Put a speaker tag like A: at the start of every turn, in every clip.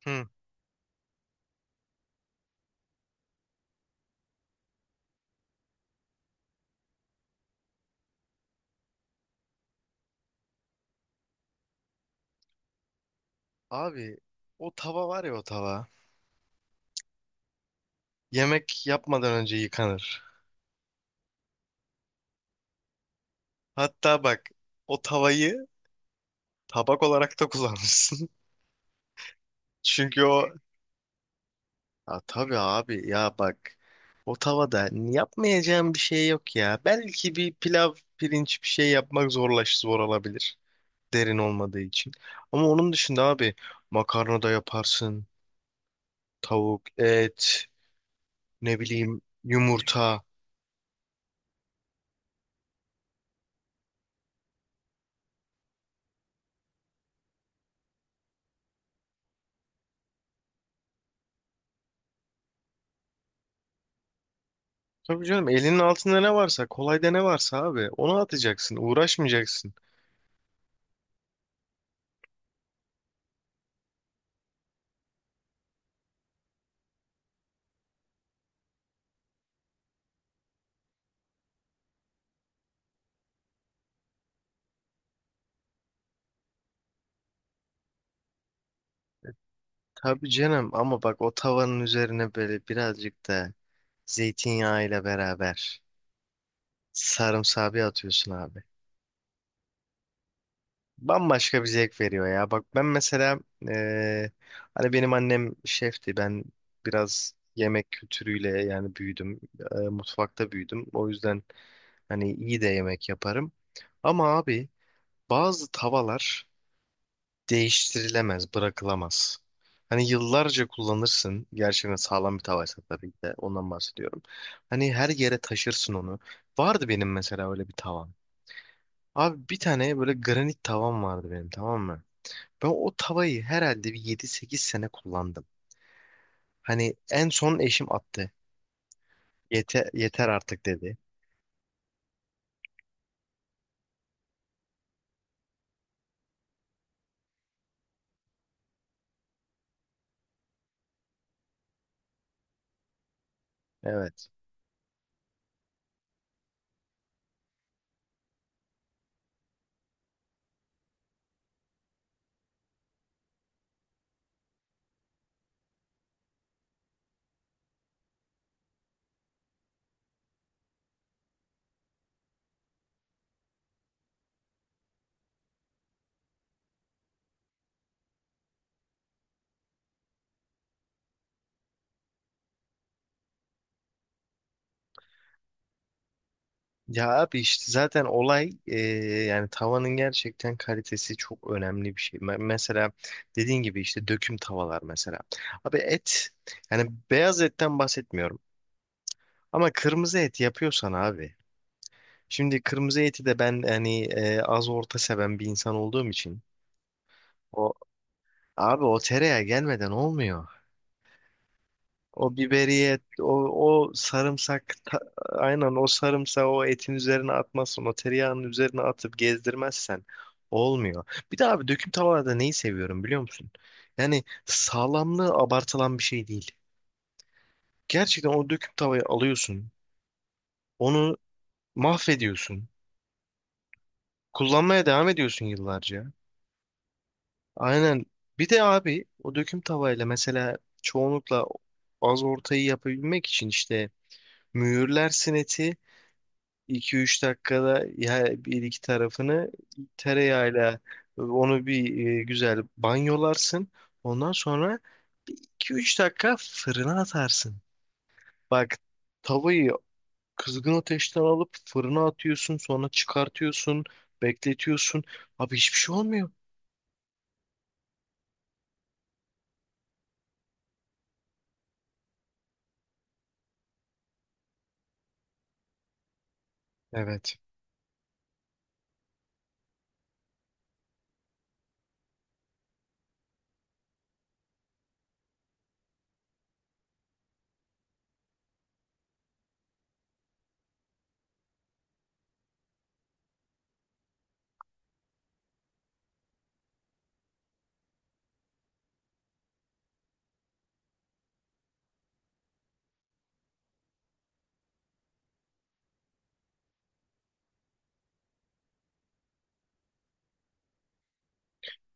A: Hı. Abi o tava var ya o tava. Yemek yapmadan önce yıkanır. Hatta bak o tavayı tabak olarak da kullanmışsın. Çünkü o... Ya tabii abi ya bak. O tavada yapmayacağım bir şey yok ya. Belki bir pilav, pirinç bir şey yapmak zor olabilir. Derin olmadığı için. Ama onun dışında abi makarna da yaparsın. Tavuk, et, ne bileyim yumurta. Tabii canım elinin altında ne varsa kolayda ne varsa abi onu atacaksın uğraşmayacaksın. Tabii canım ama bak o tavanın üzerine böyle birazcık da zeytinyağıyla beraber sarımsağı bir atıyorsun abi. Bambaşka bir zevk veriyor ya. Bak ben mesela hani benim annem şefti, ben biraz yemek kültürüyle yani büyüdüm. Mutfakta büyüdüm. O yüzden hani iyi de yemek yaparım. Ama abi bazı tavalar değiştirilemez, bırakılamaz. Hani yıllarca kullanırsın. Gerçekten sağlam bir tavaysa tabii ki de ondan bahsediyorum. Hani her yere taşırsın onu. Vardı benim mesela öyle bir tavam. Abi bir tane böyle granit tavam vardı benim, tamam mı? Ben o tavayı herhalde bir yedi sekiz sene kullandım. Hani en son eşim attı. Yeter, yeter artık dedi. Evet. Ya abi işte zaten olay yani tavanın gerçekten kalitesi çok önemli bir şey. Mesela dediğin gibi işte döküm tavalar mesela. Abi et, yani beyaz etten bahsetmiyorum ama kırmızı et yapıyorsan abi. Şimdi kırmızı eti de ben hani az orta seven bir insan olduğum için o abi o tereyağı gelmeden olmuyor. O biberiye, o sarımsak, aynen o sarımsağı o etin üzerine atmazsan, o tereyağının üzerine atıp gezdirmezsen olmuyor. Bir de abi döküm tavada neyi seviyorum biliyor musun? Yani sağlamlığı abartılan bir şey değil. Gerçekten o döküm tavayı alıyorsun, onu mahvediyorsun, kullanmaya devam ediyorsun yıllarca. Aynen. Bir de abi o döküm tavayla mesela çoğunlukla az ortayı yapabilmek için işte mühürlersin eti, iki üç dakikada bir iki tarafını tereyağıyla onu bir güzel banyolarsın. Ondan sonra iki üç dakika fırına atarsın. Bak tavayı kızgın ateşten alıp fırına atıyorsun, sonra çıkartıyorsun, bekletiyorsun. Abi hiçbir şey olmuyor. Evet.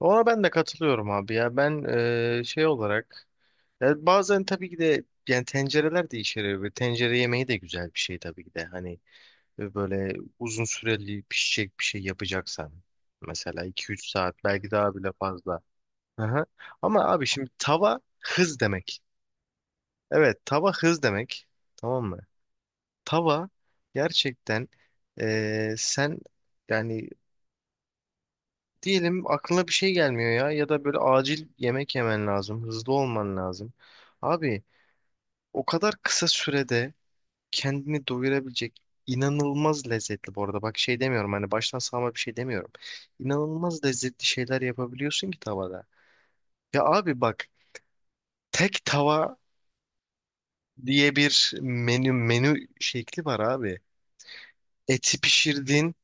A: Ona ben de katılıyorum abi ya. Ben şey olarak, ya bazen tabii ki de yani tencereler değişir. Ve tencere yemeği de güzel bir şey tabii ki de. Hani ve böyle uzun süreli pişecek bir şey yapacaksan mesela iki üç saat, belki daha bile fazla. Aha. Ama abi şimdi tava hız demek. Evet tava hız demek. Tamam mı? Tava gerçekten sen yani diyelim aklına bir şey gelmiyor ya, ya da böyle acil yemek yemen lazım. Hızlı olman lazım. Abi o kadar kısa sürede kendini doyurabilecek, inanılmaz lezzetli bu arada. Bak şey demiyorum, hani baştan sağma bir şey demiyorum. İnanılmaz lezzetli şeyler yapabiliyorsun ki tavada. Ya abi bak tek tava diye bir menü şekli var abi. Eti pişirdin,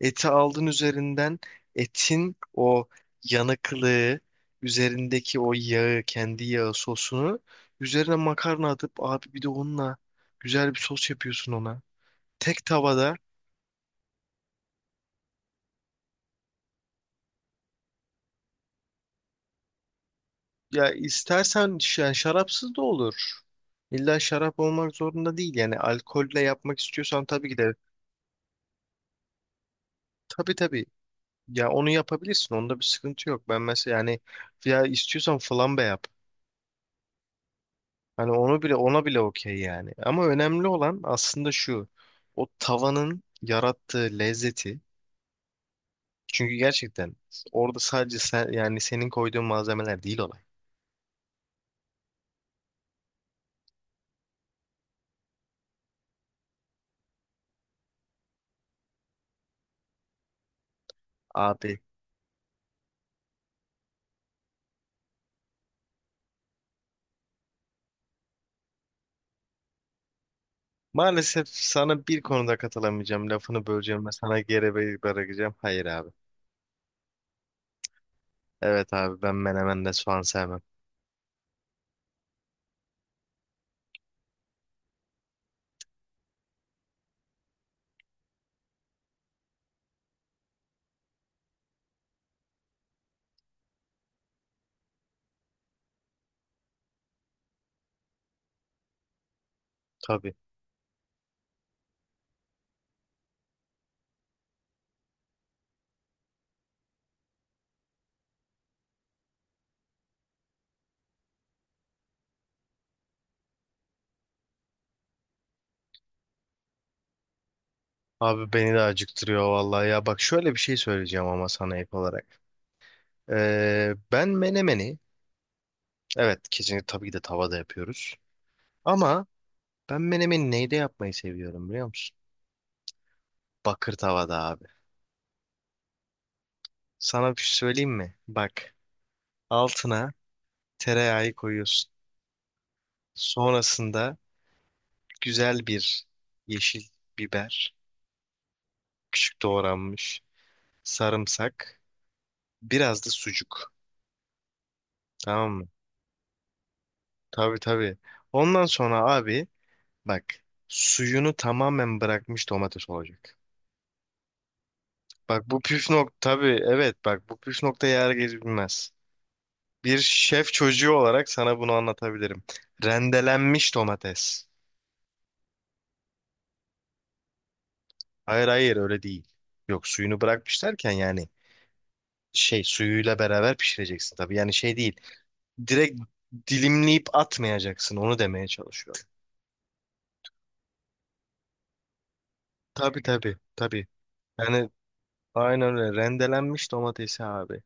A: eti aldın üzerinden, etin o yanıklığı, üzerindeki o yağı, kendi yağı sosunu, üzerine makarna atıp abi bir de onunla güzel bir sos yapıyorsun ona. Tek tavada. Ya istersen yani şarapsız da olur. İlla şarap olmak zorunda değil. Yani alkolle yapmak istiyorsan tabii ki de, tabii tabii. Ya onu yapabilirsin. Onda bir sıkıntı yok. Ben mesela yani, ya istiyorsan flambe yap. Hani onu bile ona bile okey yani. Ama önemli olan aslında şu. O tavanın yarattığı lezzeti. Çünkü gerçekten orada sadece sen, yani senin koyduğun malzemeler değil olay. Abi. Maalesef sana bir konuda katılamayacağım. Lafını böleceğim ve sana geri bırakacağım. Hayır abi. Evet abi, ben menemenle soğan sevmem. Tabii. Abi beni de acıktırıyor vallahi ya. Bak şöyle bir şey söyleyeceğim ama sana ek olarak. Ben menemeni evet kesinlikle tabii ki de tavada yapıyoruz. Ama ben menemeni neyde yapmayı seviyorum biliyor musun? Bakır tavada abi. Sana bir şey söyleyeyim mi? Bak altına tereyağı koyuyorsun. Sonrasında güzel bir yeşil biber, küçük doğranmış sarımsak, biraz da sucuk. Tamam mı? Tabii tabii. Ondan sonra abi bak, suyunu tamamen bırakmış domates olacak. Bak bu püf nokta, tabii evet, bak bu püf nokta yer geçilmez. Bir şef çocuğu olarak sana bunu anlatabilirim. Rendelenmiş domates. Hayır hayır öyle değil. Yok, suyunu bırakmış derken yani şey, suyuyla beraber pişireceksin tabii. Yani şey değil. Direkt dilimleyip atmayacaksın onu demeye çalışıyorum. Tabii tabii tabii. Yani aynen öyle rendelenmiş domatesi abi.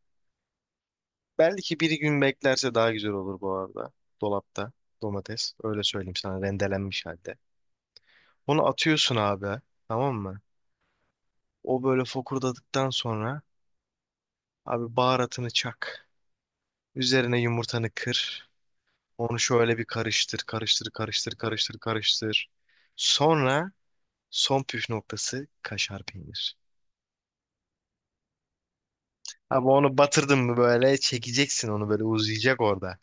A: Belki bir gün beklerse daha güzel olur bu arada. Dolapta domates, öyle söyleyeyim sana, rendelenmiş halde. Onu atıyorsun abi, tamam mı? O böyle fokurdadıktan sonra abi baharatını çak. Üzerine yumurtanı kır. Onu şöyle bir karıştır karıştır karıştır karıştır karıştır. Sonra son püf noktası kaşar peynir. Abi onu batırdın mı böyle çekeceksin onu, böyle uzayacak orada.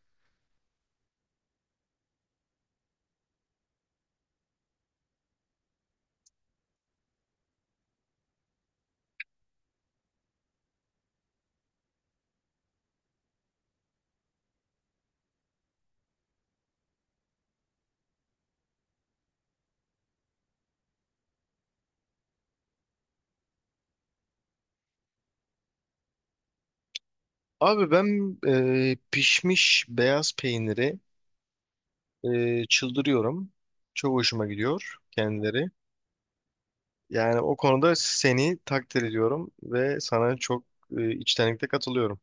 A: Abi ben pişmiş beyaz peyniri çıldırıyorum. Çok hoşuma gidiyor kendileri. Yani o konuda seni takdir ediyorum ve sana çok içtenlikle katılıyorum.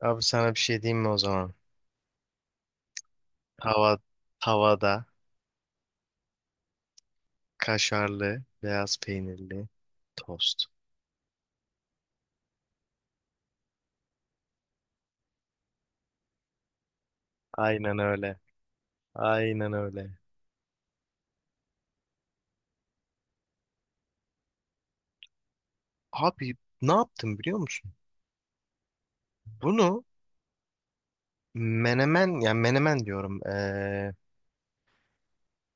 A: Abi sana bir şey diyeyim mi o zaman? Tava, tavada kaşarlı beyaz peynirli tost. Aynen öyle. Aynen öyle. Abi ne yaptım biliyor musun? Bunu menemen, yani menemen diyorum.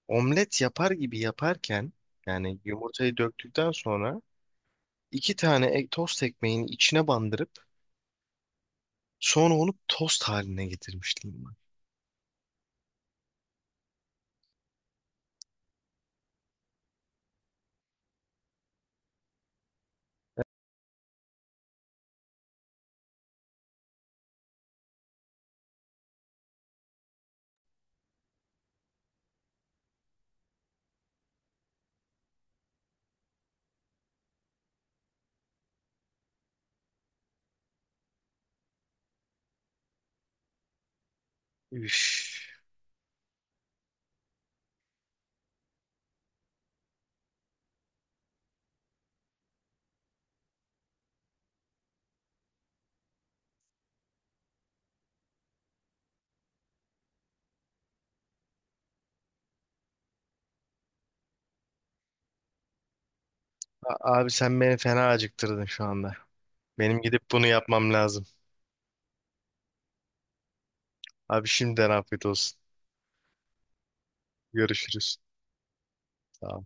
A: Omlet yapar gibi yaparken, yani yumurtayı döktükten sonra iki tane tost ekmeğini içine bandırıp sonra onu tost haline getirmişliğim var. Üf. Abi sen beni fena acıktırdın şu anda. Benim gidip bunu yapmam lazım. Abi şimdiden afiyet olsun. Görüşürüz. Sağ ol.